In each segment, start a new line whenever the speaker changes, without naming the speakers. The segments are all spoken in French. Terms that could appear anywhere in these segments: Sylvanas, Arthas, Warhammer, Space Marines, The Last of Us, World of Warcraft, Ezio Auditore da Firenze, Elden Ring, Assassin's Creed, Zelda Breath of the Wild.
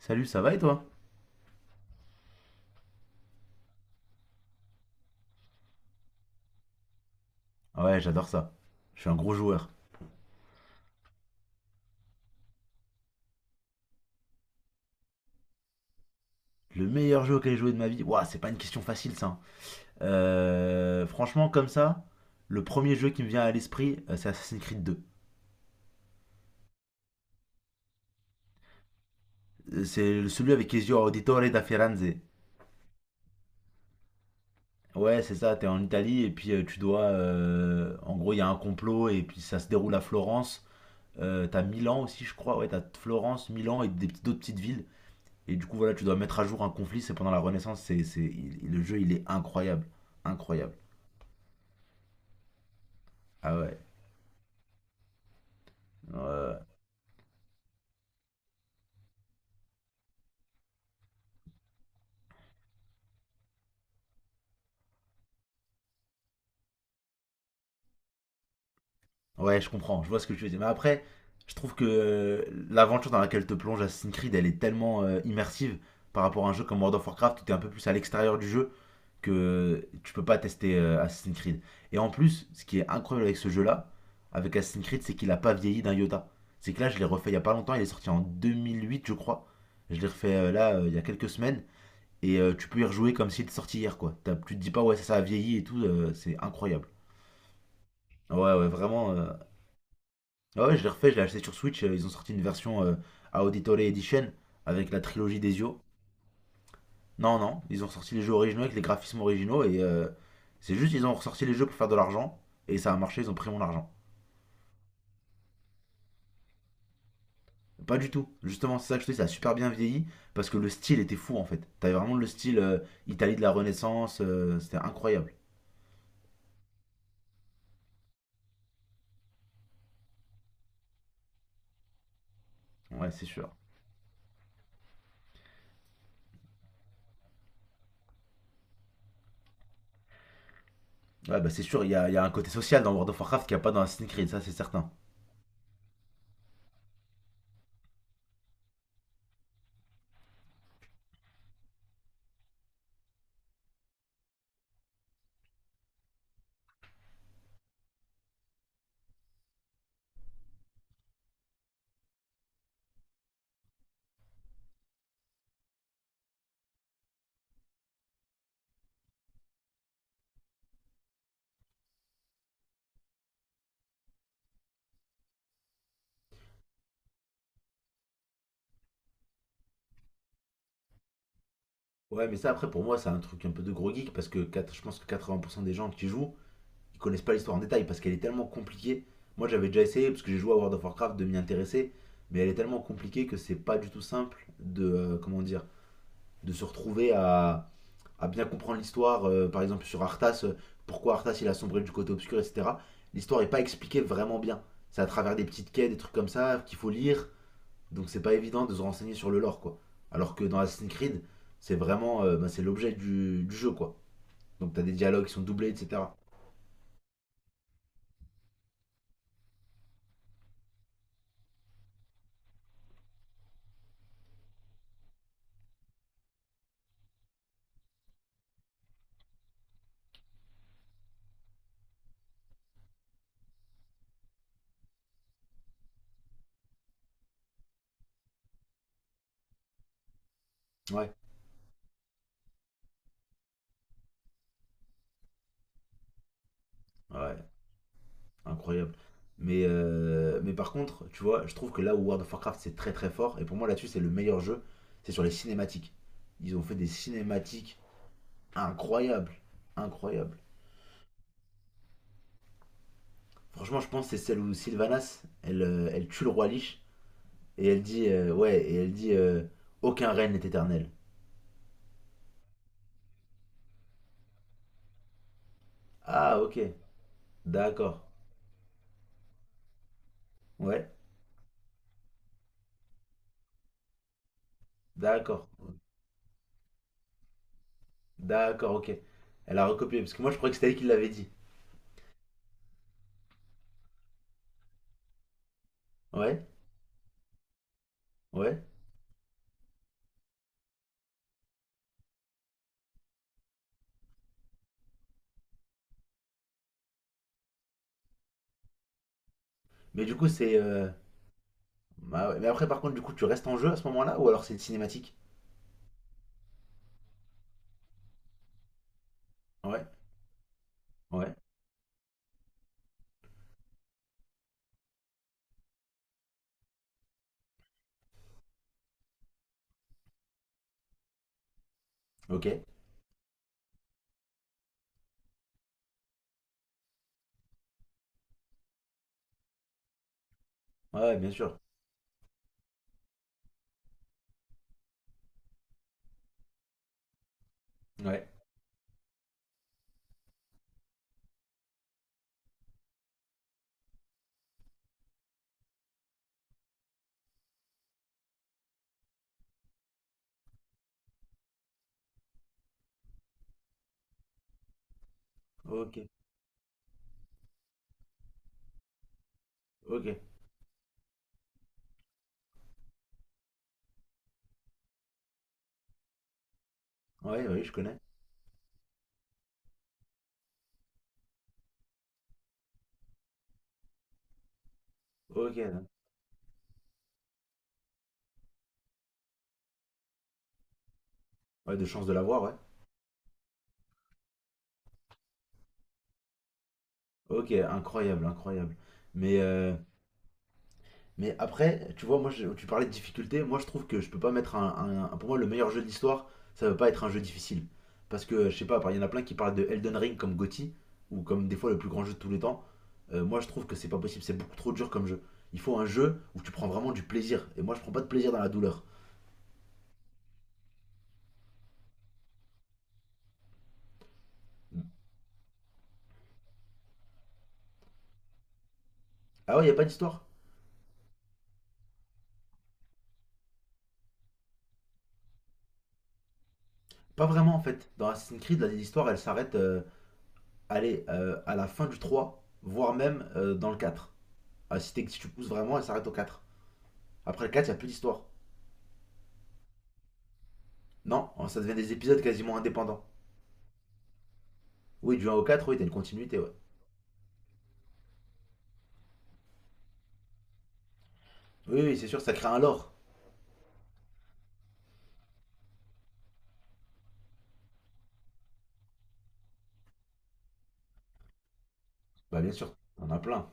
Salut, ça va et toi? Ah ouais, j'adore ça. Je suis un gros joueur. Le meilleur jeu auquel j'ai joué de ma vie. Ouah, c'est pas une question facile ça, hein. Franchement, comme ça, le premier jeu qui me vient à l'esprit, c'est Assassin's Creed 2. C'est celui avec Ezio Auditore da Firenze. Ouais, c'est ça, t'es en Italie et puis tu dois. En gros, il y a un complot et puis ça se déroule à Florence. T'as Milan aussi, je crois. Ouais, t'as Florence, Milan et d'autres petites villes. Et du coup, voilà, tu dois mettre à jour un conflit. C'est pendant la Renaissance. Le jeu, il est incroyable. Incroyable. Ah ouais. Euh, Ouais, je comprends, je vois ce que tu veux dire. Mais après, je trouve que l'aventure dans laquelle te plonge Assassin's Creed, elle est tellement immersive par rapport à un jeu comme World of Warcraft où t'es un peu plus à l'extérieur du jeu que tu peux pas tester Assassin's Creed. Et en plus, ce qui est incroyable avec ce jeu-là, avec Assassin's Creed, c'est qu'il a pas vieilli d'un iota. C'est que là, je l'ai refait il y a pas longtemps, il est sorti en 2008, je crois. Je l'ai refait là, il y a quelques semaines. Et tu peux y rejouer comme s'il était sorti hier, quoi. Tu te dis pas, ouais, ça a vieilli et tout, c'est incroyable. Ouais, ouais, vraiment. Ah ouais, je l'ai refait, je l'ai acheté sur Switch. Ils ont sorti une version à Auditore Edition avec la trilogie des yeux. Non, non, ils ont sorti les jeux originaux avec les graphismes originaux et c'est juste ils ont ressorti les jeux pour faire de l'argent et ça a marché, ils ont pris mon argent. Pas du tout. Justement, c'est ça que je te dis, ça a super bien vieilli parce que le style était fou en fait. T'avais vraiment le style Italie de la Renaissance, c'était incroyable. Ouais, c'est sûr. Ouais, bah c'est sûr, il y a un côté social dans World of Warcraft qu'il n'y a pas dans Assassin's Creed, ça c'est certain. Ouais, mais ça après pour moi c'est un truc un peu de gros geek parce que je pense que 80% des gens qui jouent ils connaissent pas l'histoire en détail parce qu'elle est tellement compliquée. Moi, j'avais déjà essayé parce que j'ai joué à World of Warcraft de m'y intéresser, mais elle est tellement compliquée que c'est pas du tout simple de comment dire, de se retrouver à bien comprendre l'histoire. Par exemple, sur Arthas, pourquoi Arthas il a sombré du côté obscur, etc. L'histoire est pas expliquée vraiment bien. C'est à travers des petites quêtes, des trucs comme ça qu'il faut lire. Donc c'est pas évident de se renseigner sur le lore quoi. Alors que dans Assassin's Creed, c'est vraiment bah, c'est l'objet du jeu quoi. Donc t'as des dialogues qui sont doublés, etc. Ouais, ouais. Incroyable. Mais par contre, tu vois, je trouve que là où World of Warcraft c'est très très fort, et pour moi là-dessus c'est le meilleur jeu, c'est sur les cinématiques. Ils ont fait des cinématiques incroyables, incroyables. Franchement, je pense que c'est celle où Sylvanas, elle tue le roi Lich, et elle dit, ouais, et elle dit, aucun règne n'est éternel. Ah, ok, d'accord, ouais, d'accord, d'accord, ok. Elle a recopié, parce que moi je croyais que c'était elle qui l'avait dit. Ouais, ouais. Mais du coup, c'est Bah ouais. Mais après, par contre, du coup, tu restes en jeu à ce moment-là ou alors c'est une cinématique? Ouais, ouais, ok. Ouais, ouais, bien sûr. Ouais, ok, ok. Ouais, oui, je connais. Ok, ouais, de chance de l'avoir, ouais. Ok, incroyable, incroyable. Mais, euh, Mais après, tu vois, moi, tu parlais de difficulté. Moi, je trouve que je peux pas mettre. Pour moi, le meilleur jeu de l'histoire, ça veut pas être un jeu difficile. Parce que, je sais pas, il y en a plein qui parlent de Elden Ring comme GOTY, ou comme des fois le plus grand jeu de tous les temps. Moi, je trouve que c'est pas possible. C'est beaucoup trop dur comme jeu. Il faut un jeu où tu prends vraiment du plaisir. Et moi, je prends pas de plaisir dans la douleur. Ah ouais, y a pas d'histoire? Pas vraiment, en fait. Dans Assassin's Creed, là, l'histoire, elle s'arrête, allez, à la fin du 3, voire même dans le 4. Ah, si, si tu pousses vraiment, elle s'arrête au 4. Après le 4, y a plus d'histoire. Non, oh, ça devient des épisodes quasiment indépendants. Oui, du 1 au 4, oui, t'as une continuité, ouais. Oui, oui, c'est sûr, ça crée un lore. Bah, bien sûr, t'en as plein.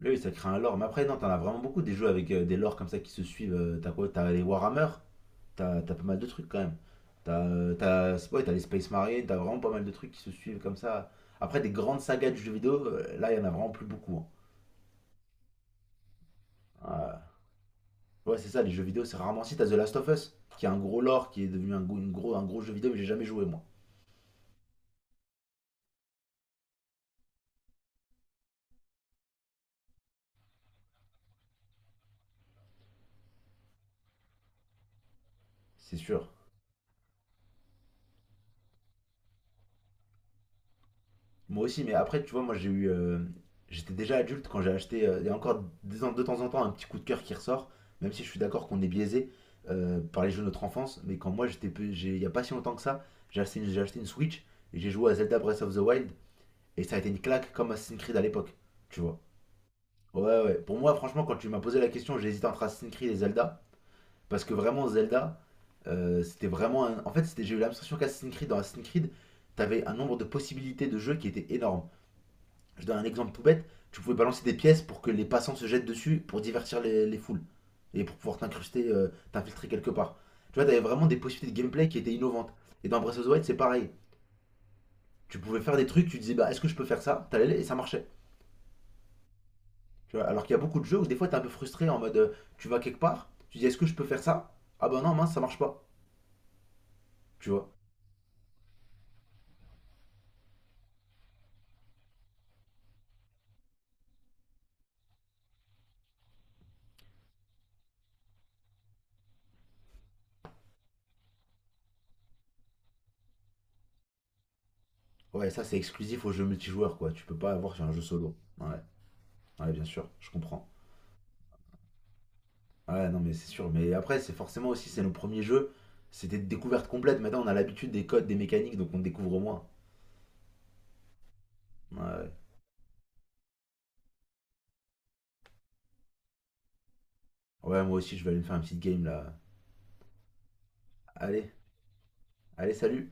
Oui, oui, ça crée un lore. Mais après, non, t'en as vraiment beaucoup des jeux avec des lores comme ça qui se suivent. T'as quoi? T'as les Warhammer, t'as pas mal de trucs quand même. Ouais, t'as les Space Marines. T'as vraiment pas mal de trucs qui se suivent comme ça. Après, des grandes sagas de jeux vidéo, là, il y en a vraiment plus beaucoup, hein. Ouais, c'est ça, les jeux vidéo, c'est rarement si. T'as The Last of Us, qui a un gros lore, qui est devenu un gros jeu vidéo, mais j'ai jamais joué, moi. C'est sûr. Moi aussi, mais après, tu vois, moi j'ai eu. J'étais déjà adulte quand j'ai acheté. Il y a encore de temps en temps un petit coup de cœur qui ressort, même si je suis d'accord qu'on est biaisé par les jeux de notre enfance. Mais quand moi j'étais. Pe- j'ai- Il n'y a pas si longtemps que ça, j'ai acheté une Switch et j'ai joué à Zelda Breath of the Wild et ça a été une claque comme Assassin's Creed à l'époque, tu vois. Ouais, ouais. Pour moi, franchement, quand tu m'as posé la question, j'ai hésité entre Assassin's Creed et Zelda parce que vraiment, Zelda, en fait, j'ai eu l'impression qu'Assassin's Creed, dans Assassin's Creed, t'avais un nombre de possibilités de jeux qui était énorme. Je donne un exemple tout bête. Tu pouvais balancer des pièces pour que les passants se jettent dessus pour divertir les foules et pour pouvoir t'infiltrer quelque part. Tu vois, t'avais vraiment des possibilités de gameplay qui étaient innovantes. Et dans Breath of the Wild, c'est pareil. Tu pouvais faire des trucs, tu disais, bah, est-ce que je peux faire ça? T'allais et ça marchait. Tu vois, alors qu'il y a beaucoup de jeux où des fois t'es un peu frustré en mode, tu vas quelque part, tu dis, est-ce que je peux faire ça? Ah bah non, mince, ça marche pas. Tu vois. Ouais, ça c'est exclusif aux jeux multijoueurs, quoi. Tu peux pas avoir sur un jeu solo. Ouais, ouais, bien sûr, je comprends. Ouais, non, mais c'est sûr. Mais après, c'est forcément aussi, c'est nos premiers jeux. C'était de découverte complète. Maintenant, on a l'habitude des codes, des mécaniques, donc on découvre moins. Ouais, ouais. Ouais, moi aussi, je vais aller me faire une petite game là. Allez, allez, salut!